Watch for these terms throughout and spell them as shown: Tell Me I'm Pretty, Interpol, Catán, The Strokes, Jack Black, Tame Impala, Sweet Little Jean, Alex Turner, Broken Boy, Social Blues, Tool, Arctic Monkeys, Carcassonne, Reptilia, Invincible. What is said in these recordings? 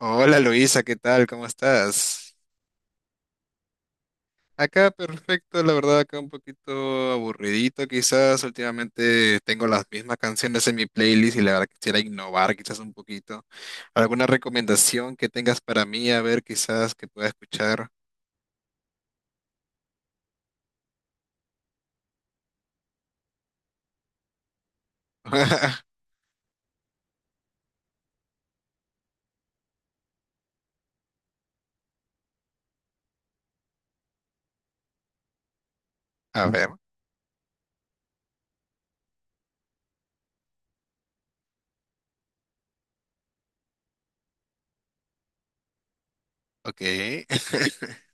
Hola Luisa, ¿qué tal? ¿Cómo estás? Acá perfecto, la verdad, acá un poquito aburridito quizás. Últimamente tengo las mismas canciones en mi playlist y la verdad quisiera innovar quizás un poquito. ¿Alguna recomendación que tengas para mí? A ver, quizás que pueda escuchar. A ver, ok.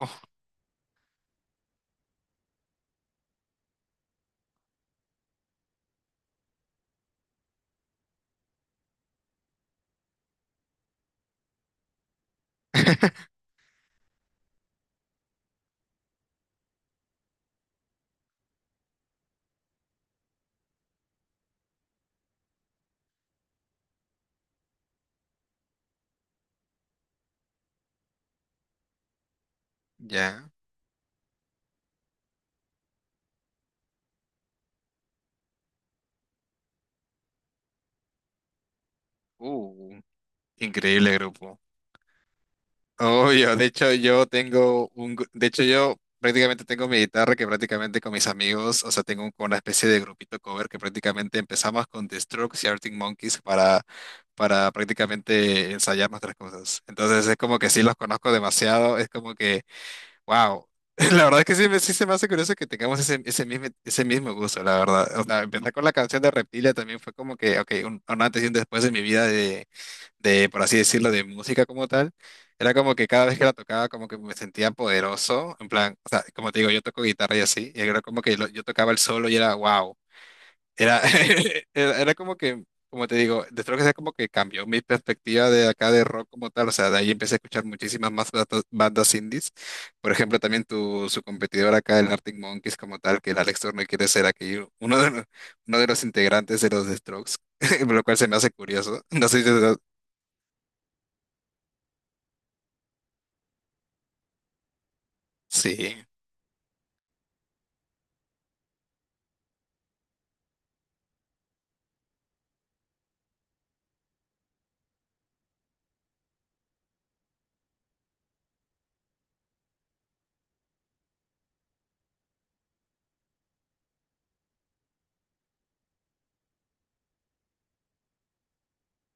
Oh. Ya. Uh, increíble grupo. Obvio, de hecho yo tengo un, de hecho yo prácticamente tengo mi guitarra que prácticamente con mis amigos, o sea, como una especie de grupito cover que prácticamente empezamos con The Strokes y Arctic Monkeys para prácticamente ensayar nuestras cosas. Entonces es como que sí los conozco demasiado, es como que wow. La verdad es que sí, sí se me hace curioso que tengamos ese, ese mismo gusto, la verdad. O sea, empezar con la canción de Reptilia también fue como que ok, un antes y un después en mi vida de, por así decirlo, de música como tal. Era como que cada vez que la tocaba, como que me sentía poderoso. En plan, o sea, como te digo, yo toco guitarra y así. Y era como que yo tocaba el solo y era wow. Era, era, era como que, como te digo, de que sea como que cambió mi perspectiva de acá de rock como tal. O sea, de ahí empecé a escuchar muchísimas más bandas, bandas indies. Por ejemplo, también su competidor acá, el Arctic Monkeys como tal, que el Alex Turner quiere ser aquí uno de los integrantes de los The Strokes, lo cual se me hace curioso. No sé si... Sí.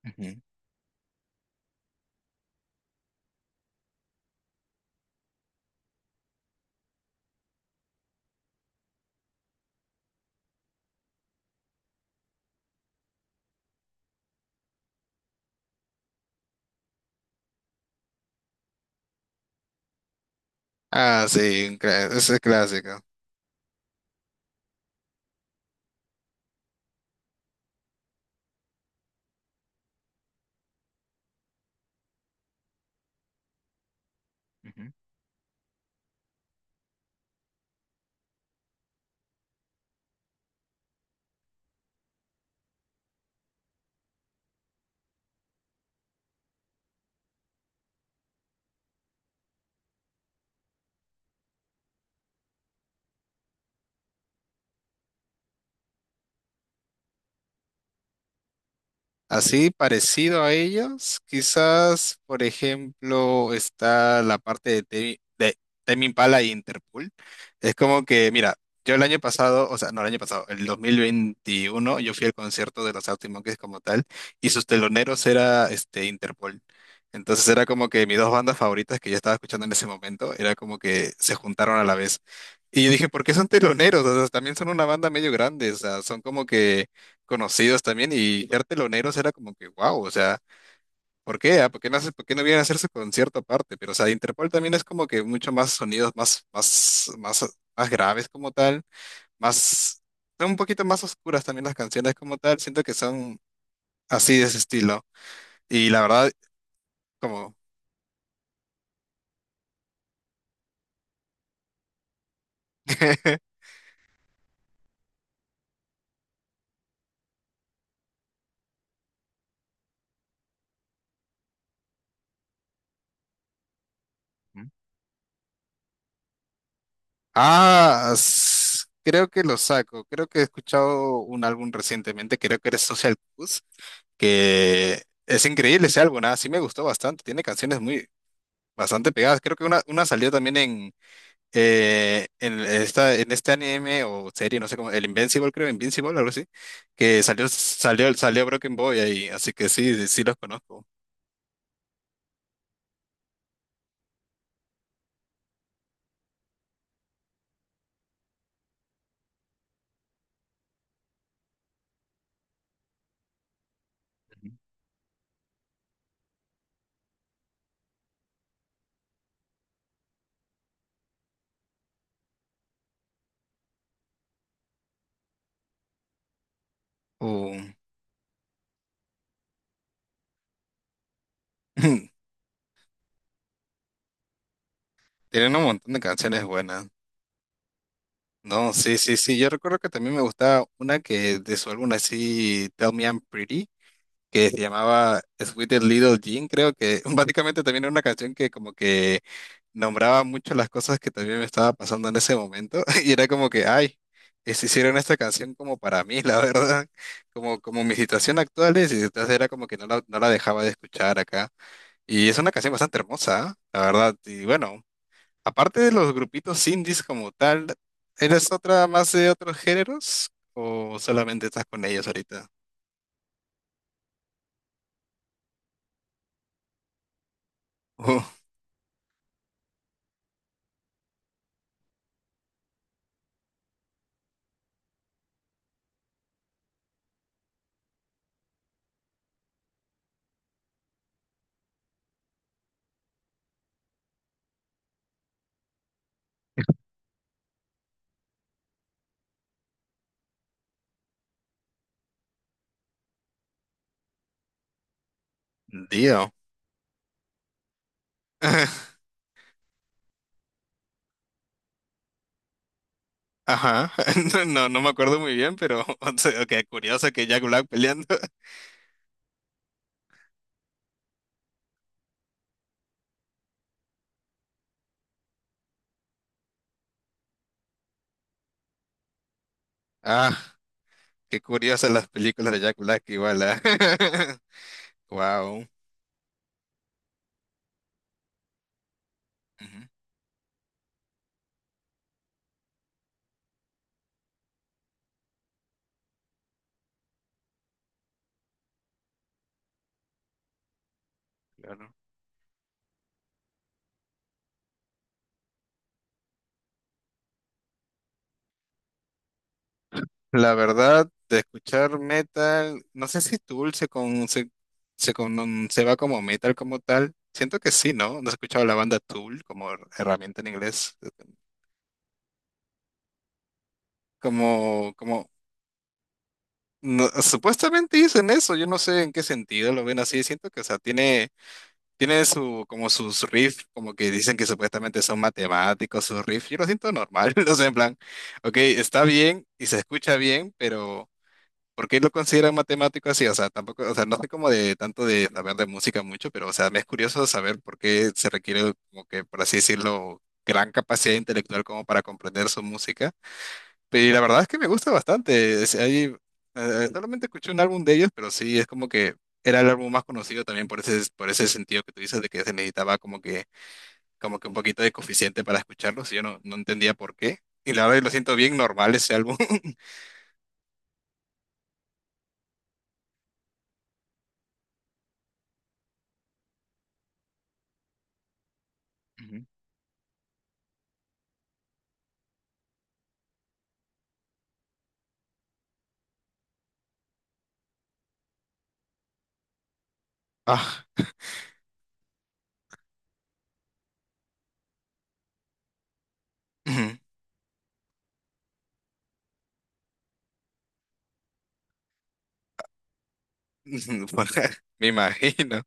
Ujú. Ah, sí, un ese es clásico. Así parecido a ellos, quizás, por ejemplo, está la parte de Tame Impala y Interpol. Es como que, mira, yo el año pasado, o sea, no el año pasado, el 2021, yo fui al concierto de los Arctic Monkeys como tal, y sus teloneros era este Interpol. Entonces era como que mis dos bandas favoritas que yo estaba escuchando en ese momento, era como que se juntaron a la vez. Y yo dije, ¿por qué son teloneros? O sea, también son una banda medio grande, o sea, son como que conocidos también y ser teloneros era como que wow, o sea, ¿por qué? ¿ah? ¿Por qué no haces, por qué no vienen a hacer su concierto aparte? Pero, o sea, Interpol también es como que mucho más sonidos más, más graves como tal, más, son un poquito más oscuras también las canciones como tal, siento que son así de ese estilo. Y la verdad, como, ah, creo que lo saco, creo que he escuchado un álbum recientemente, creo que era Social Blues, que... Es increíble ese álbum, ah, sí me gustó bastante, tiene canciones muy, bastante pegadas. Creo que una salió también en, esta, en este anime o serie, no sé cómo, el Invincible, creo, Invincible, algo así, que salió Broken Boy ahí, así que sí, sí los conozco. Uh, tienen un montón de canciones buenas. No, sí, sí, sí. Yo recuerdo que también me gustaba una que de su álbum así, Tell Me I'm Pretty, que se llamaba Sweet Little Jean, creo que básicamente también era una canción que como que nombraba mucho las cosas que también me estaba pasando en ese momento y era como que ay, hicieron esta canción como para mí, la verdad, como, como mi situación actual es y entonces era como que no la, no la dejaba de escuchar acá. Y es una canción bastante hermosa, ¿ah? La verdad. Y bueno, aparte de los grupitos indies como tal, ¿eres otra más de otros géneros o solamente estás con ellos ahorita? Oh. Dio. Ajá, no, no me acuerdo muy bien, pero o sea, ok, curioso que Jack Black peleando. Ah, qué curiosas las películas de Jack Black igual. Wow. Claro. La verdad, de escuchar metal, no sé si Tool se va como metal como tal. Siento que sí, ¿no? No he escuchado la banda Tool como herramienta en inglés. Como, como, no, supuestamente dicen eso, yo no sé en qué sentido lo ven así. Siento que, o sea, tiene tiene su, como sus riff, como que dicen que supuestamente son matemáticos sus riff. Yo lo siento normal, no sé, en plan, ok, está bien y se escucha bien, pero ¿por qué lo consideran matemático así? O sea, tampoco, o sea, no sé como de tanto de saber de música mucho, pero o sea, me es curioso saber por qué se requiere como que, por así decirlo, gran capacidad intelectual como para comprender su música. Y la verdad es que me gusta bastante. Solamente escuché un álbum de ellos, pero sí, es como que era el álbum más conocido también por ese sentido que tú dices de que se necesitaba como que un poquito de coeficiente para escucharlos y yo no, no entendía por qué. Y la verdad lo siento bien normal ese álbum. Ujú. Ah. Ujú. Me imagino.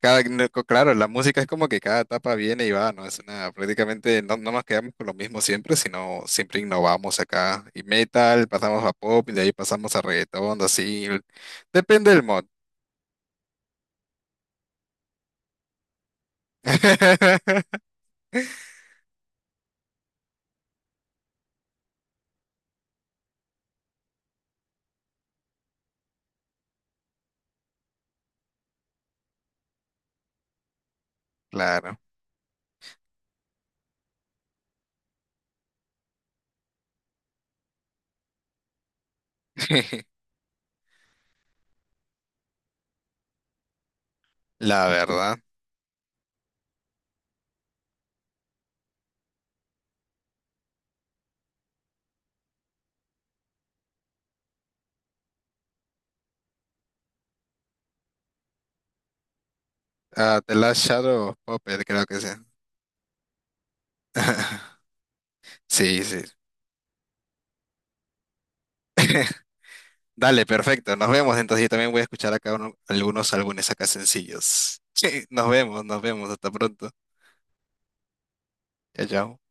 Cada, no, claro, la música es como que cada etapa viene y va, ¿no? Es una, prácticamente no, no nos quedamos con lo mismo siempre, sino siempre innovamos acá. Y metal, pasamos a pop, y de ahí pasamos a reggaetón, así. Depende del mod. Claro. La verdad. Ah, The Last Shadow of Puppet, creo que sí. Sí, sí. Dale, perfecto. Nos vemos. Entonces yo también voy a escuchar acá algunos álbumes acá sencillos. Sí, nos vemos, nos vemos. Hasta pronto. Chao, chao.